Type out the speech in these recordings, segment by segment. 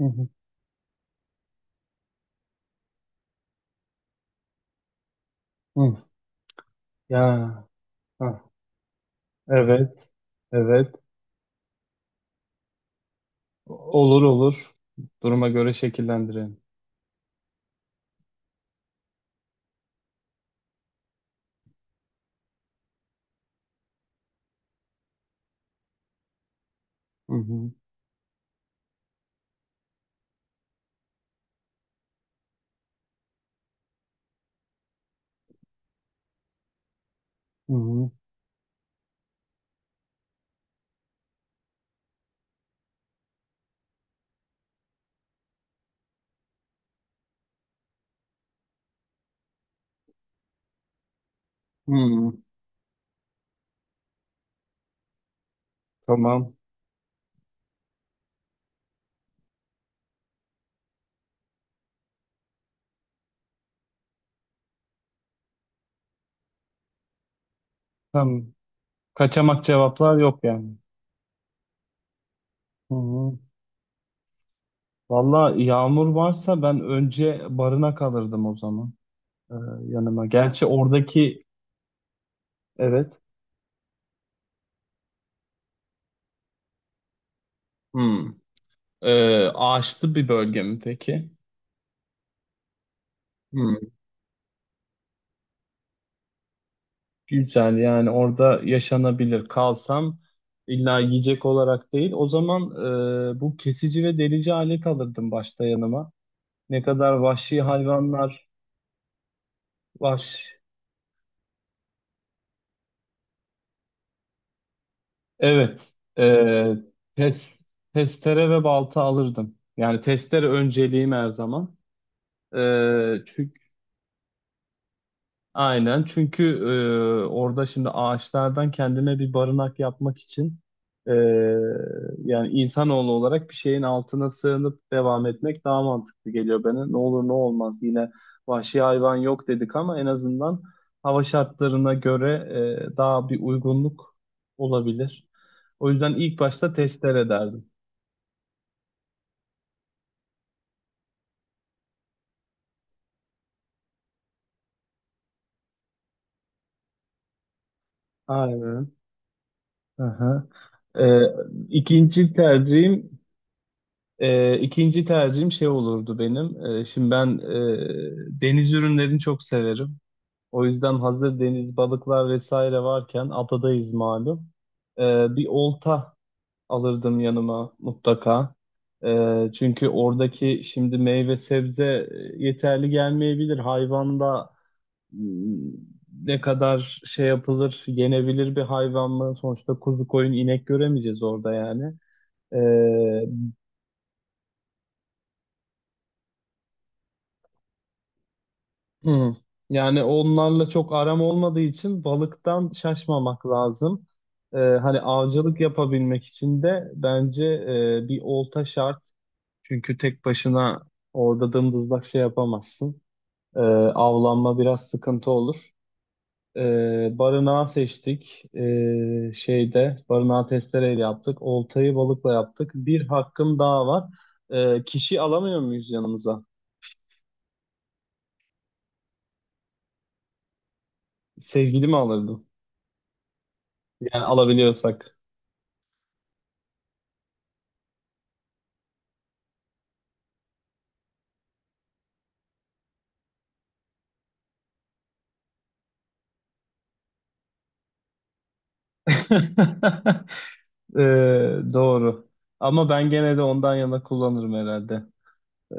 Hı hı. Hı. Ya. Ha. Evet. Evet. Olur olur. Duruma göre şekillendirelim. Hı hı. Hı hı. Hı. Tamam. Tamam. Kaçamak cevaplar yok yani. Hı hı. Valla yağmur varsa ben önce barına kalırdım o zaman. Ee, Yanıma. Gerçi oradaki, evet. Hı. Ağaçlı bir bölge mi peki? Güzel yani orada yaşanabilir. Kalsam illa yiyecek olarak değil. O zaman bu kesici ve delici alet alırdım başta yanıma. Ne kadar vahşi hayvanlar var. Evet. Tes, testere ve balta alırdım. Yani testere önceliğim her zaman. E, çünkü Aynen çünkü orada şimdi ağaçlardan kendine bir barınak yapmak için e, yani insanoğlu olarak bir şeyin altına sığınıp devam etmek daha mantıklı geliyor bana. Ne olur ne olmaz yine vahşi hayvan yok dedik ama en azından hava şartlarına göre daha bir uygunluk olabilir. O yüzden ilk başta testere derdim. Aynen. Aha. E, ikinci tercihim E, ikinci tercihim şey olurdu benim. Şimdi ben deniz ürünlerini çok severim. O yüzden hazır deniz balıklar vesaire varken adadayız malum. E, Bir olta alırdım yanıma mutlaka. Çünkü oradaki şimdi meyve sebze yeterli gelmeyebilir. Hayvanda ne kadar şey yapılır, yenebilir bir hayvan mı? Sonuçta kuzu koyun inek göremeyeceğiz orada yani. Ee, Hı. Yani onlarla çok aram olmadığı için balıktan şaşmamak lazım. Hani avcılık yapabilmek için de bence bir olta şart. Çünkü tek başına orada dımdızlak şey yapamazsın. Ee, Avlanma biraz sıkıntı olur. Barınağı seçtik. Şeyde barınağı testereyle yaptık. Oltayı balıkla yaptık. Bir hakkım daha var. Kişi alamıyor muyuz yanımıza? Sevgili mi alırdım? Yani alabiliyorsak. Doğru. Ama ben gene de ondan yana kullanırım herhalde. Ee,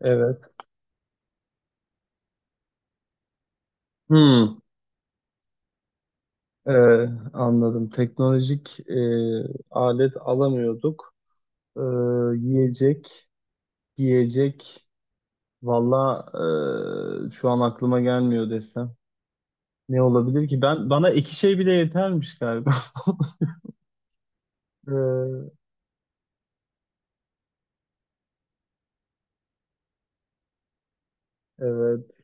evet. Hmm. Ee, Anladım. Teknolojik alet alamıyorduk. Ee, Yiyecek, giyecek. Valla şu an aklıma gelmiyor desem. Ne olabilir ki? Ben bana iki şey bile yetermiş galiba. Ee, evet.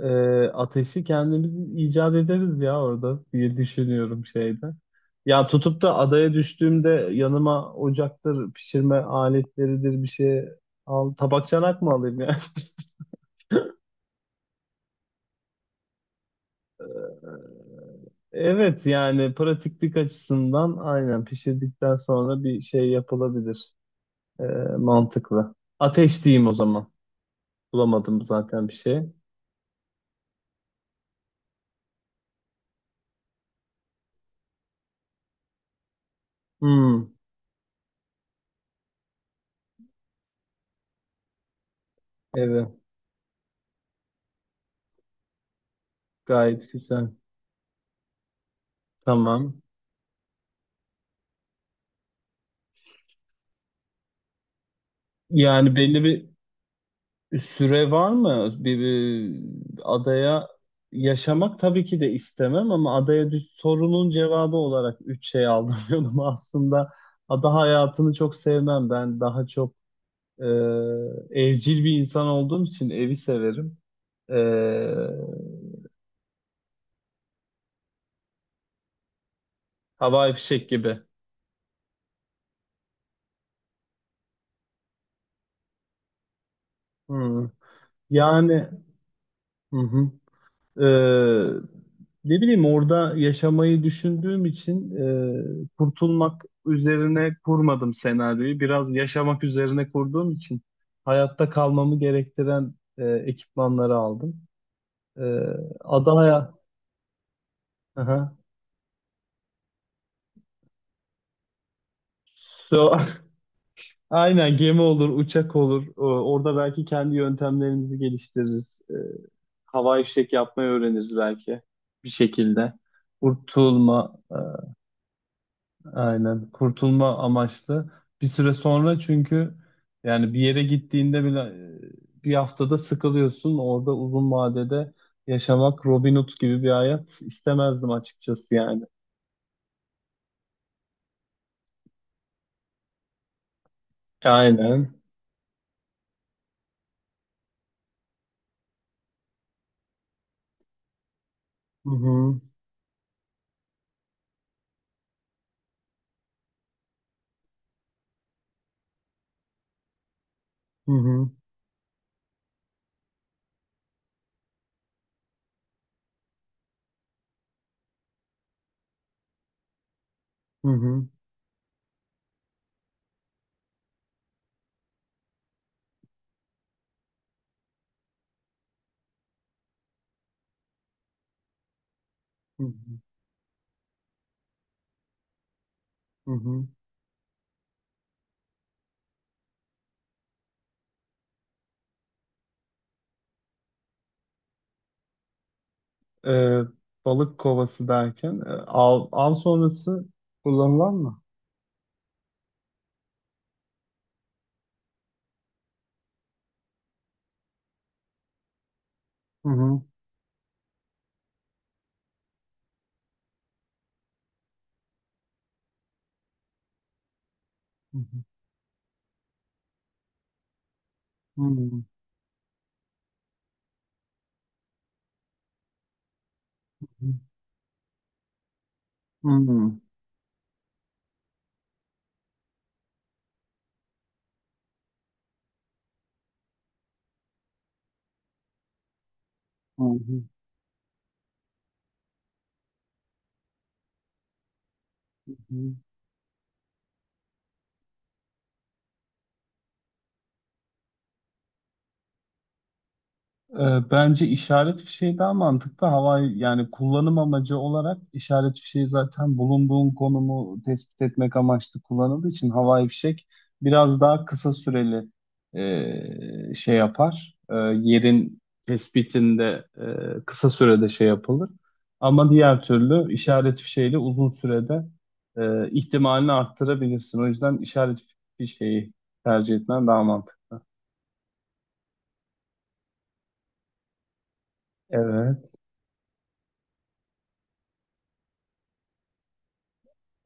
e, Ateşi kendimiz icat ederiz ya orada diye düşünüyorum şeyde. Ya tutup da adaya düştüğümde yanıma ocaktır, pişirme aletleridir bir şey al. Tabak çanak mı alayım ya? Evet yani pratiklik açısından aynen pişirdikten sonra bir şey yapılabilir. E, Mantıklı. Ateş diyeyim o zaman. Bulamadım zaten bir şey. Hmm, evet gayet güzel. Tamam. Yani belli bir süre var mı? Bir adaya yaşamak tabii ki de istemem ama adaya düş sorunun cevabı olarak üç şey aldım yanıma aslında. Ada hayatını çok sevmem. Ben daha çok e, evcil bir insan olduğum için evi severim. E, Havai fişek gibi. Hı. Yani hı hı. Ee, Ne bileyim orada yaşamayı düşündüğüm için kurtulmak üzerine kurmadım senaryoyu. Biraz yaşamak üzerine kurduğum için hayatta kalmamı gerektiren ekipmanları aldım. Ee, Ada hayat... Aha. So, aynen gemi olur, uçak olur. Orada belki kendi yöntemlerimizi geliştiririz. Hava ifşek yapmayı öğreniriz belki bir şekilde. Kurtulma, aynen. Kurtulma amaçlı. Bir süre sonra çünkü yani bir yere gittiğinde bile bir haftada sıkılıyorsun. Orada uzun vadede yaşamak Robin Hood gibi bir hayat istemezdim açıkçası yani. Aynen. Hı hı. Hı hı. Hı hı. Hı hı. Hı hı. Ee, Balık kovası derken av, av sonrası kullanılan mı? Hı hı. Hı hı. Hı hı. Hı hı. Hı hı. Bence işaret fişeği daha mantıklı. Havai yani kullanım amacı olarak işaret fişeği zaten bulunduğun konumu tespit etmek amaçlı kullanıldığı için havai fişek biraz daha kısa süreli şey yapar. Yerin tespitinde kısa sürede şey yapılır. Ama diğer türlü işaret fişeğiyle uzun sürede ihtimalini arttırabilirsin. O yüzden işaret fişeği tercih etmen daha mantıklı. Evet.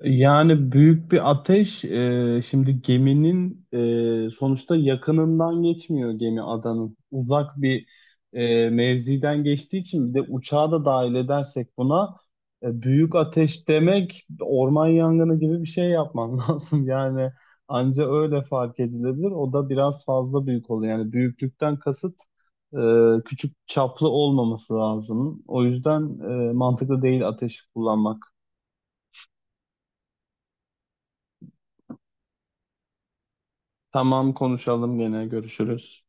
Yani büyük bir ateş. Şimdi geminin sonuçta yakınından geçmiyor gemi adanın. Uzak bir mevziden geçtiği için bir de uçağı da dahil edersek buna büyük ateş demek orman yangını gibi bir şey yapman lazım. Yani anca öyle fark edilebilir. O da biraz fazla büyük oluyor. Yani büyüklükten kasıt e, küçük çaplı olmaması lazım. O yüzden mantıklı değil ateş kullanmak. Tamam konuşalım gene görüşürüz.